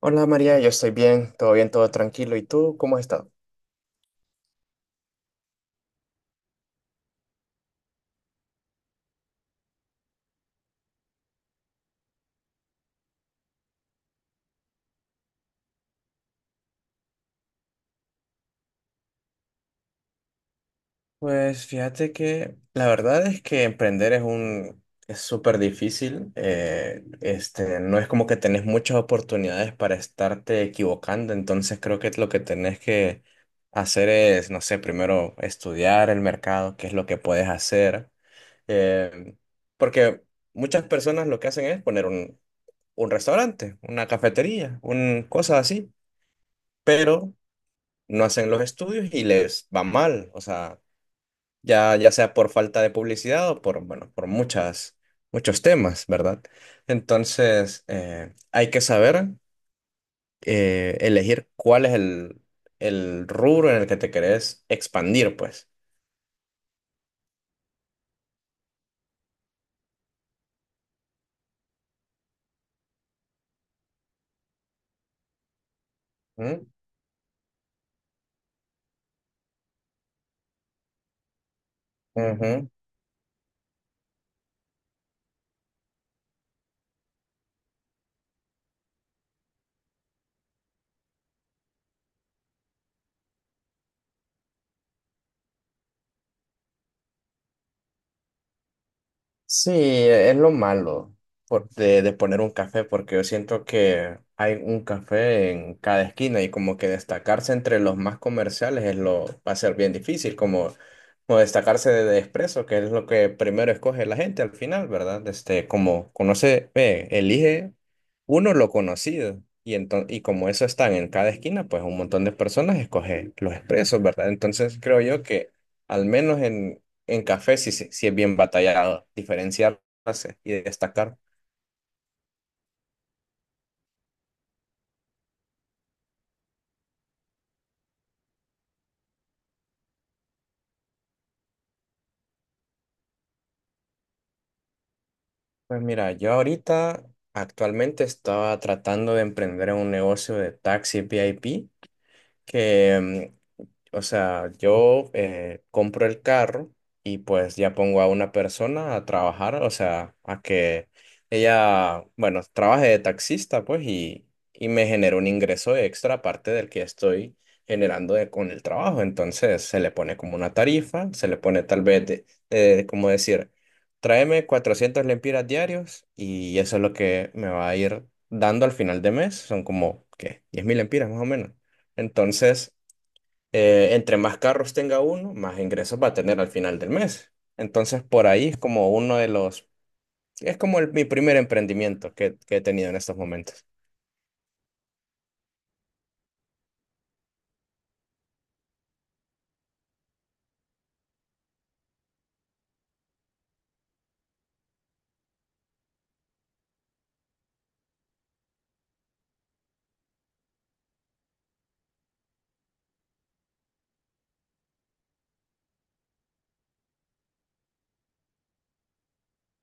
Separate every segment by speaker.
Speaker 1: Hola María, yo estoy bien, todo tranquilo. ¿Y tú cómo has estado? Pues fíjate que la verdad es que emprender es súper difícil. Este, no es como que tenés muchas oportunidades para estarte equivocando. Entonces creo que lo que tenés que hacer es, no sé, primero estudiar el mercado, qué es lo que puedes hacer. eh, Porque muchas personas lo que hacen es poner un restaurante, una cafetería, un cosa así. Pero no hacen los estudios y les va mal, o sea, ya sea por falta de publicidad o por, bueno, por muchos temas, ¿verdad? Entonces, hay que saber elegir cuál es el rubro en el que te querés expandir, pues. ¿Mm? Ujú. Sí, es lo malo de poner un café, porque yo siento que hay un café en cada esquina y como que destacarse entre los más comerciales es lo, va a ser bien difícil, como destacarse de Espresso, que es lo que primero escoge la gente al final, ¿verdad? Este, como conoce, ve, elige uno lo conocido y como eso están en cada esquina, pues un montón de personas escoge los Expresos, ¿verdad? Entonces creo yo que al menos en café sí, sí, sí es bien batallado diferenciarse y destacar. Pues mira, yo ahorita actualmente estaba tratando de emprender un negocio de taxi VIP que o sea, yo compro el carro y pues ya pongo a una persona a trabajar, o sea, a que ella, bueno, trabaje de taxista, pues, y me genera un ingreso extra aparte del que estoy con el trabajo. Entonces, se le pone como una tarifa, se le pone tal vez, de, como decir, tráeme 400 lempiras diarios y eso es lo que me va a ir dando al final de mes. Son como, ¿qué? 10,000 lempiras más o menos. Entonces entre más carros tenga uno, más ingresos va a tener al final del mes. Entonces, por ahí es como uno de los, es como mi primer emprendimiento que he tenido en estos momentos.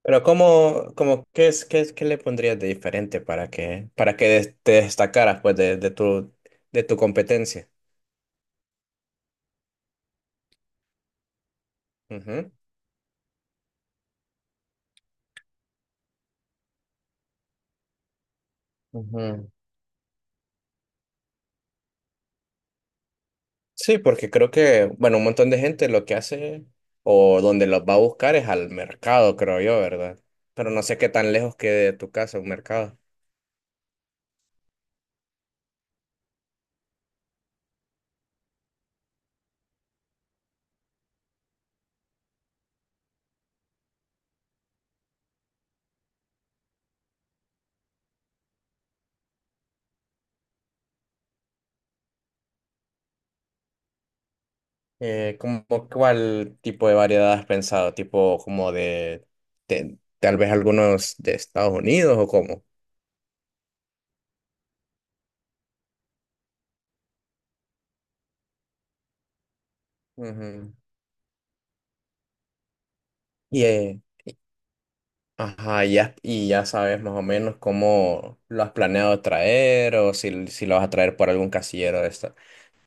Speaker 1: Pero ¿ qué es, qué le pondrías de diferente para que, te destacaras pues de tu competencia? Ujú. Ujú. Sí, porque creo que, bueno, un montón de gente lo que hace o donde los va a buscar es al mercado, creo yo, ¿verdad? Pero no sé qué tan lejos quede de tu casa un mercado. ¿Cómo cuál tipo de variedad has pensado? ¿Tipo como tal vez algunos de Estados Unidos o cómo? Ujú. Y, eh, ajá, y ya sabes más o menos cómo lo has planeado traer o si lo vas a traer por algún casillero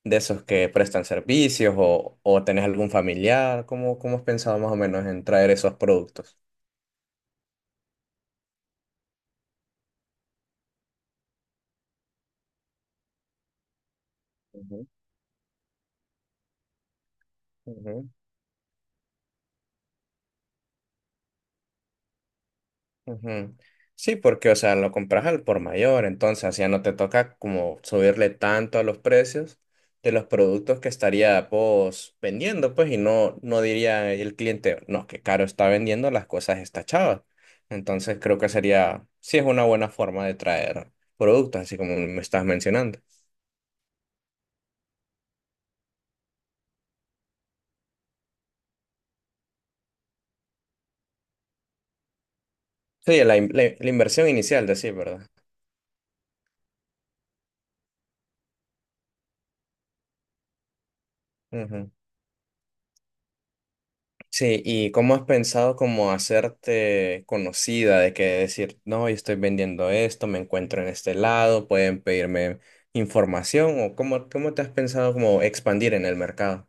Speaker 1: de esos que prestan servicios o tenés algún familiar. ¿Cómo has pensado más o menos en traer esos productos? Ujú, ujú. Ujú. Sí, porque, o sea, lo compras al por mayor, entonces ya no te toca como subirle tanto a los precios de los productos que estaría pues vendiendo, pues, y no, no diría el cliente, no, que caro está vendiendo las cosas esta chava. Entonces creo que sería, sí es una buena forma de traer productos, así como me estás mencionando. Sí, la inversión inicial, de sí ¿verdad? Sí, ¿y cómo has pensado como hacerte conocida de que decir, no, yo estoy vendiendo esto, me encuentro en este lado, pueden pedirme información o cómo te has pensado como expandir en el mercado?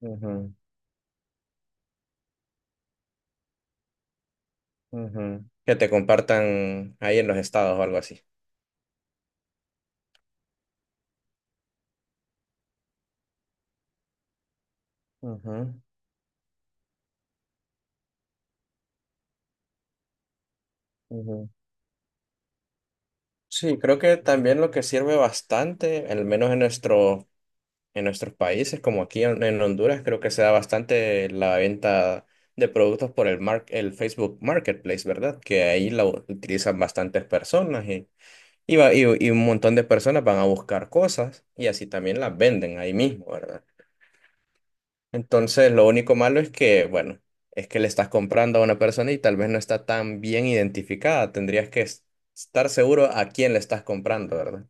Speaker 1: Ujú, ujú. Que te compartan ahí en los estados o algo así. Ujú, ujú. Sí, creo que también lo que sirve bastante, al menos en nuestros países, como aquí en Honduras, creo que se da bastante la venta de productos por el Facebook Marketplace, ¿verdad? Que ahí utilizan bastantes personas y un montón de personas van a buscar cosas y así también las venden ahí mismo, ¿verdad? Entonces, lo único malo es que, bueno, es que le estás comprando a una persona y tal vez no está tan bien identificada. Tendrías que estar seguro a quién le estás comprando, ¿verdad?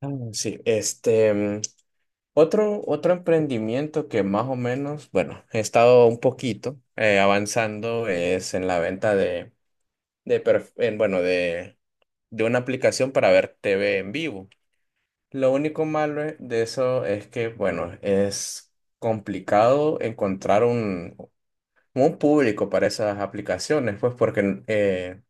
Speaker 1: Ah, sí, este. Otro emprendimiento que más o menos, bueno, he estado un poquito avanzando es en la venta de perf- en, bueno, de una aplicación para ver TV en vivo. Lo único malo de eso es que, bueno, es complicado encontrar un público para esas aplicaciones, pues porque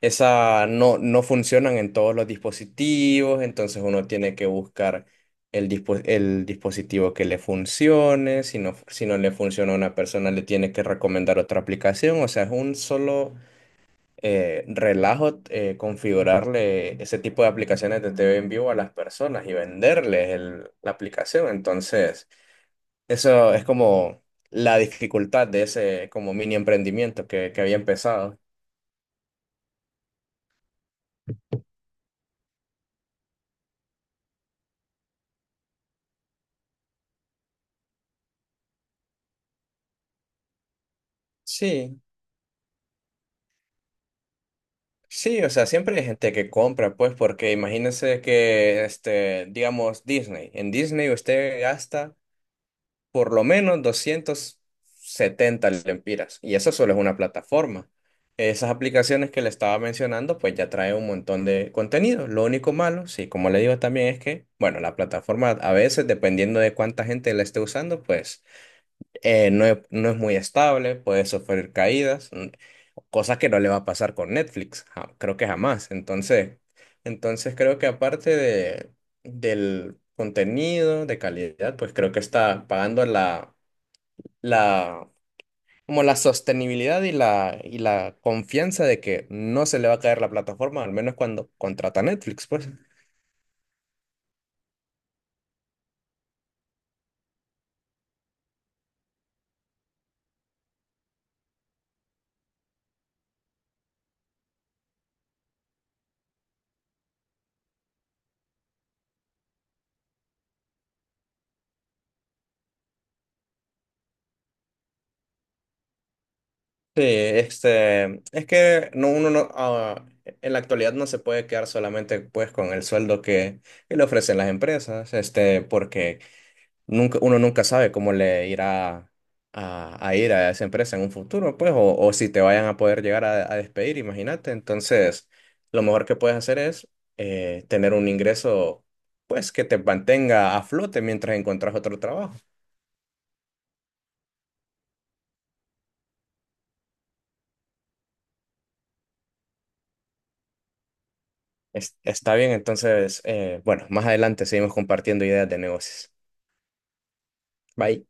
Speaker 1: esa no, no funcionan en todos los dispositivos, entonces uno tiene que buscar el dispositivo que le funcione. Si no, si no le funciona a una persona, le tiene que recomendar otra aplicación. O sea, es un solo relajo configurarle ese tipo de aplicaciones de TV en vivo a las personas y venderles la aplicación. Entonces, eso es como la dificultad de ese como mini emprendimiento que había empezado. Sí, Sí, o sea, siempre hay gente que compra, pues, porque imagínense que, este, digamos, Disney. En Disney usted gasta por lo menos 270 lempiras. Y eso solo es una plataforma. Esas aplicaciones que le estaba mencionando, pues ya trae un montón de contenido. Lo único malo, sí, como le digo también, es que, bueno, la plataforma a veces, dependiendo de cuánta gente la esté usando, pues no es muy estable, puede sufrir caídas, cosa que no le va a pasar con Netflix, creo que jamás. Entonces, creo que aparte del contenido de calidad, pues creo que está pagando la, como la sostenibilidad y y la confianza de que no se le va a caer la plataforma, al menos cuando contrata Netflix, pues. Sí, este, es que no, uno no, en la actualidad no se puede quedar solamente pues con el sueldo que le ofrecen las empresas, este, porque nunca, uno nunca sabe cómo le irá a ir a esa empresa en un futuro, pues, o si te vayan a poder llegar a despedir, imagínate. Entonces, lo mejor que puedes hacer es tener un ingreso, pues, que te mantenga a flote mientras encuentras otro trabajo. Está bien, entonces, bueno, más adelante seguimos compartiendo ideas de negocios. Bye.